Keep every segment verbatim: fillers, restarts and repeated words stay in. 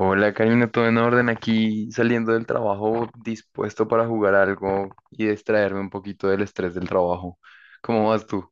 Hola Karina, todo en orden aquí saliendo del trabajo, dispuesto para jugar algo y distraerme un poquito del estrés del trabajo. ¿Cómo vas tú?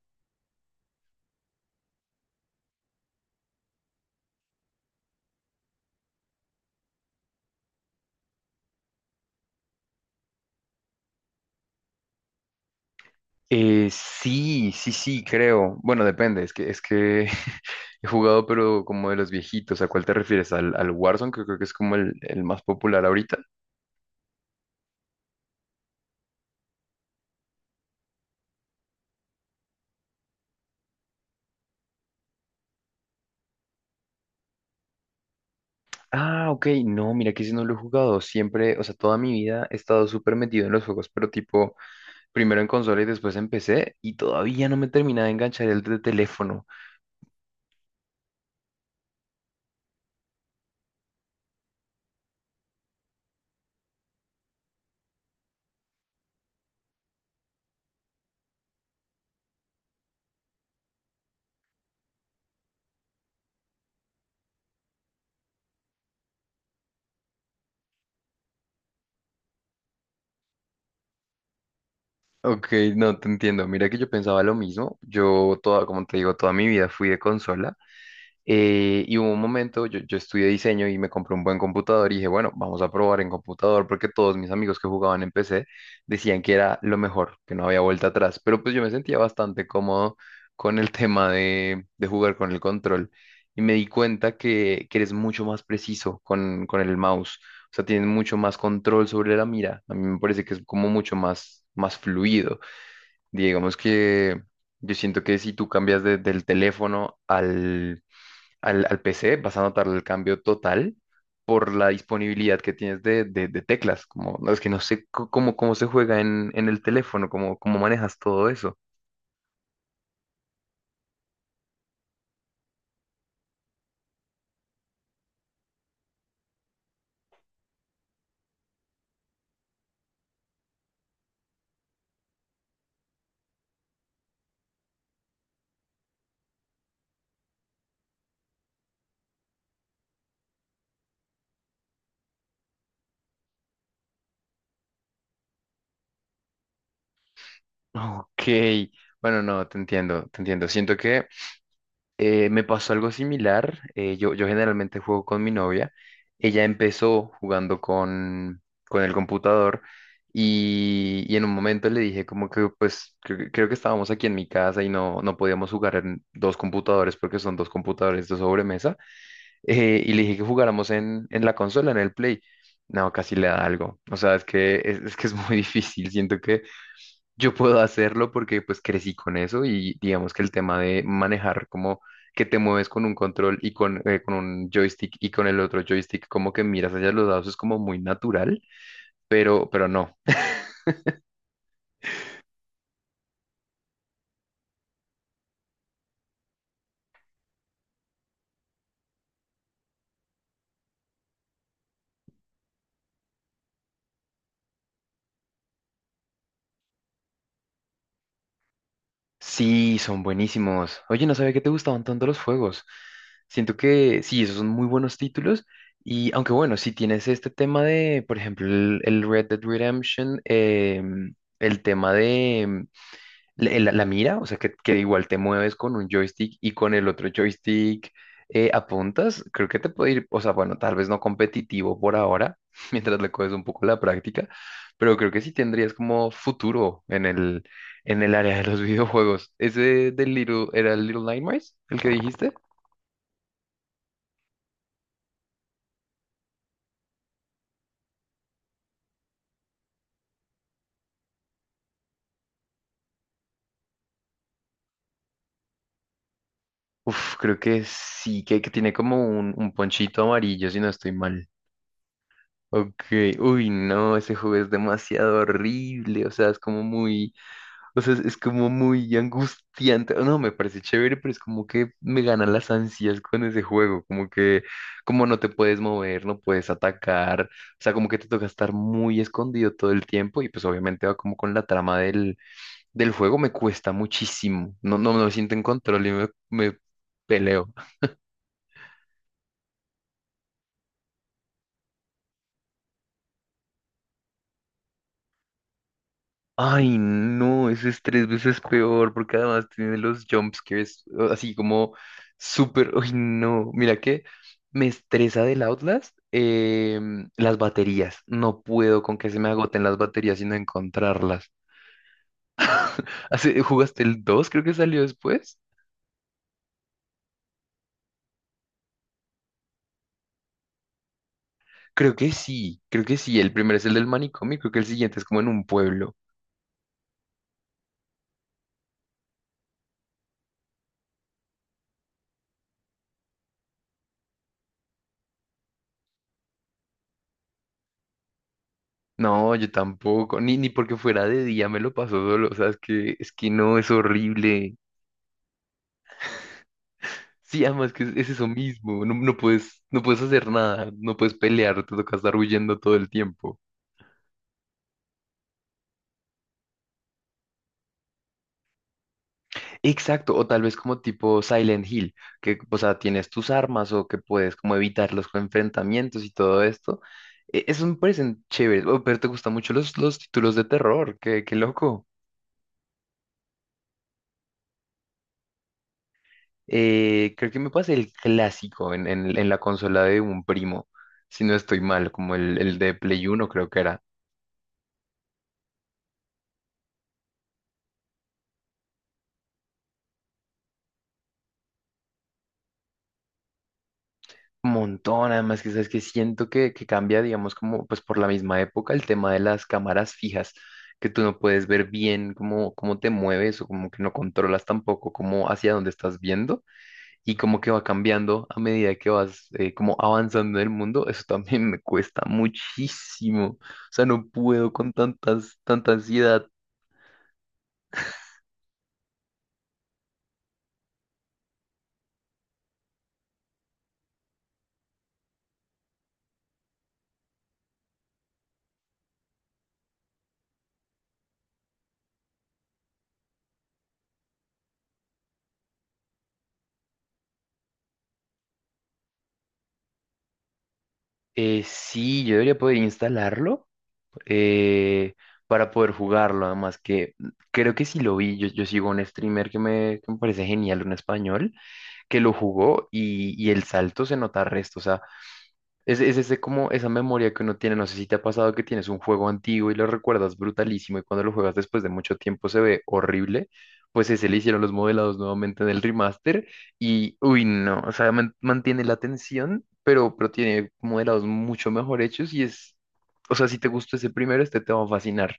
Eh, sí, sí, sí, creo. Bueno, depende, es que, es que he jugado, pero como de los viejitos. ¿A cuál te refieres? ¿Al, al Warzone, que creo que es como el, el más popular ahorita? Ah, ok, no, mira que ese no lo he jugado. Siempre, o sea, toda mi vida he estado súper metido en los juegos, pero tipo, primero en consola y después en P C, y todavía no me termina de enganchar el de teléfono. Ok, no te entiendo. Mira que yo pensaba lo mismo. Yo toda, como te digo, toda mi vida fui de consola. eh, y hubo un momento, yo, yo estudié diseño y me compré un buen computador y dije, bueno, vamos a probar en computador porque todos mis amigos que jugaban en P C decían que era lo mejor, que no había vuelta atrás. Pero pues yo me sentía bastante cómodo con el tema de, de jugar con el control. Y me di cuenta que, que eres mucho más preciso con, con el mouse. O sea, tienes mucho más control sobre la mira. A mí me parece que es como mucho más, más fluido. Digamos que yo siento que si tú cambias de- del teléfono al, al, al P C, vas a notar el cambio total por la disponibilidad que tienes de, de- de teclas. Como, no, es que no sé c- cómo, cómo se juega en, en el teléfono, cómo, cómo manejas todo eso. Ok, bueno, no, te entiendo, te entiendo. Siento que Eh, me pasó algo similar. eh, yo, yo generalmente juego con mi novia. Ella empezó jugando con, con el computador y, y en un momento le dije como que pues cre- creo que estábamos aquí en mi casa y no, no podíamos jugar en dos computadores porque son dos computadores de sobremesa. eh, y le dije que jugáramos en, en la consola, en el Play. No, casi le da algo. O sea, es que es, es que es muy difícil. Siento que yo puedo hacerlo porque pues crecí con eso y digamos que el tema de manejar como que te mueves con un control y con, eh, con un joystick y con el otro joystick como que miras hacia los dados es como muy natural, pero, pero no. Sí, son buenísimos. Oye, no sabía que te gustaban tanto los juegos. Siento que sí, esos son muy buenos títulos y aunque bueno, si tienes este tema de, por ejemplo, el, el Red Dead Redemption, em, el tema de, le- La, la mira, o sea que, que igual te mueves con un joystick y con el otro joystick eh, apuntas, creo que te puede ir, o sea, bueno, tal vez no competitivo por ahora, mientras le coges un poco la práctica, pero creo que sí tendrías como futuro en el, en el área de los videojuegos. ¿Ese del Little, era el Little Nightmares, el que dijiste? Uf, creo que sí, que, que tiene como un, un ponchito amarillo, si no estoy mal. Ok, uy, no, ese juego es demasiado horrible, o sea, es como muy. O sea, es, es como muy angustiante. No, me parece chévere, pero es como que me ganan las ansias con ese juego. Como que, como no te puedes mover, no puedes atacar. O sea, como que te toca estar muy escondido todo el tiempo. Y pues obviamente va como con la trama del, del juego. Me cuesta muchísimo. No, no, no me siento en control y me, me peleo. Ay, no, ese es tres veces peor porque además tiene los jumpscares o- así como súper. Ay, no, mira que me estresa del Outlast em, las baterías. No puedo con que se me agoten las baterías y no encontrarlas. Hace- ¿Jugaste el dos? Creo que salió después. Creo que sí, creo que sí. El primero es el del manicomio, y creo que el siguiente es como en un pueblo. No, yo tampoco, ni, ni porque fuera de día me lo paso solo, o sea, es que, es que no, es horrible. Sí, además que es, es eso mismo, no, no puedes, no puedes hacer nada, no puedes pelear, te toca estar huyendo todo el tiempo. Exacto, o tal vez como tipo Silent Hill, que, o sea, tienes tus armas o que puedes como evitar los enfrentamientos y todo esto. E- Eso me parecen chéveres, oh, pero te gustan mucho los, los títulos de terror, qué, qué loco. Eh, creo que me pasé el clásico en, en, en la consola de un primo, si no estoy mal, como el, el de Play uno creo que era. Un montón, además que sabes que siento que, que cambia, digamos, como pues por la misma época el tema de las cámaras fijas, que tú no puedes ver bien cómo, cómo te mueves o como que no controlas tampoco cómo hacia dónde estás viendo y como que va cambiando a medida que vas eh, como avanzando en el mundo, eso también me cuesta muchísimo, o sea, no puedo con tantas, tanta ansiedad. Eh, sí, yo debería poder instalarlo. eh, para poder jugarlo. Además que creo que sí lo vi, yo, yo sigo un streamer que me, que me parece genial, un español, que lo jugó y, y el salto se nota resto. O sea es, es ese como esa memoria que uno tiene, no sé si te ha pasado que tienes un juego antiguo y lo recuerdas brutalísimo y cuando lo juegas después de mucho tiempo se ve horrible. Pues ese le hicieron los modelados nuevamente en el remaster y uy no, o sea, man- mantiene la tensión, pero, pero tiene modelados mucho mejor hechos y es, o sea, si te gustó ese primero, este te va a fascinar.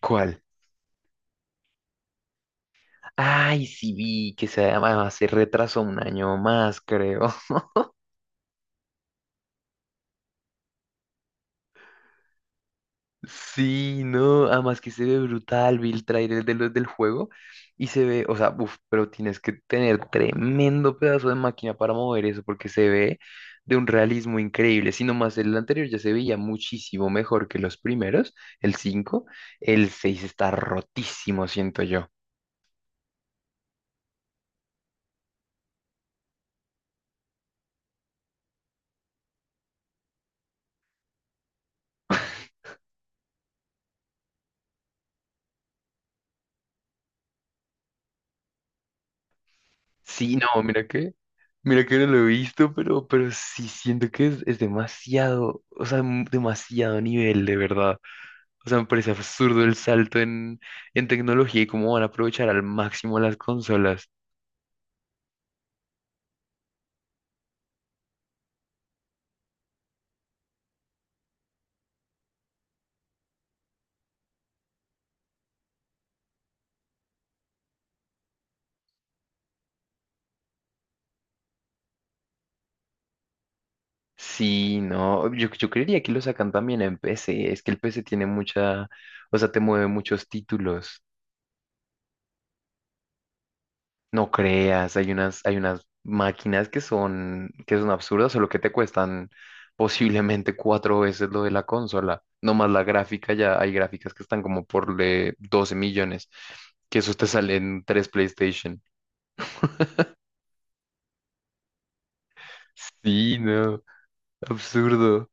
¿Cuál? Ay, sí vi que se, además se retrasó un año más, creo. Sí, no, además que se ve brutal, vi el trailer de los del juego y se ve, o sea, uff, pero tienes que tener tremendo pedazo de máquina para mover eso porque se ve de un realismo increíble. Si nomás el anterior ya se veía muchísimo mejor que los primeros, el cinco, el seis está rotísimo, siento yo. Sí, no, mira que, mira que no lo he visto, pero, pero sí siento que es, es demasiado, o sea, m- demasiado nivel, de verdad. O sea, me parece absurdo el salto en, en tecnología y cómo van a aprovechar al máximo las consolas. Sí, no, yo, yo creería que lo sacan también en P C. Es que el P C tiene mucha, o sea, te mueve muchos títulos. No creas, hay unas, hay unas máquinas que son, que son absurdas, solo que te cuestan posiblemente cuatro veces lo de la consola. No más la gráfica, ya hay gráficas que están como por eh, doce millones, que esos te salen tres PlayStation. Sí, no, absurdo.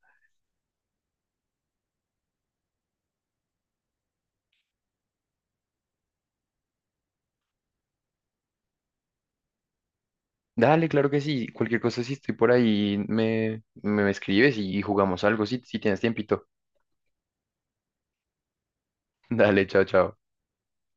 Dale, claro que sí. Cualquier cosa, si estoy por ahí, me, me escribes y, y jugamos algo, si, si tienes tiempito. Dale, chao, chao.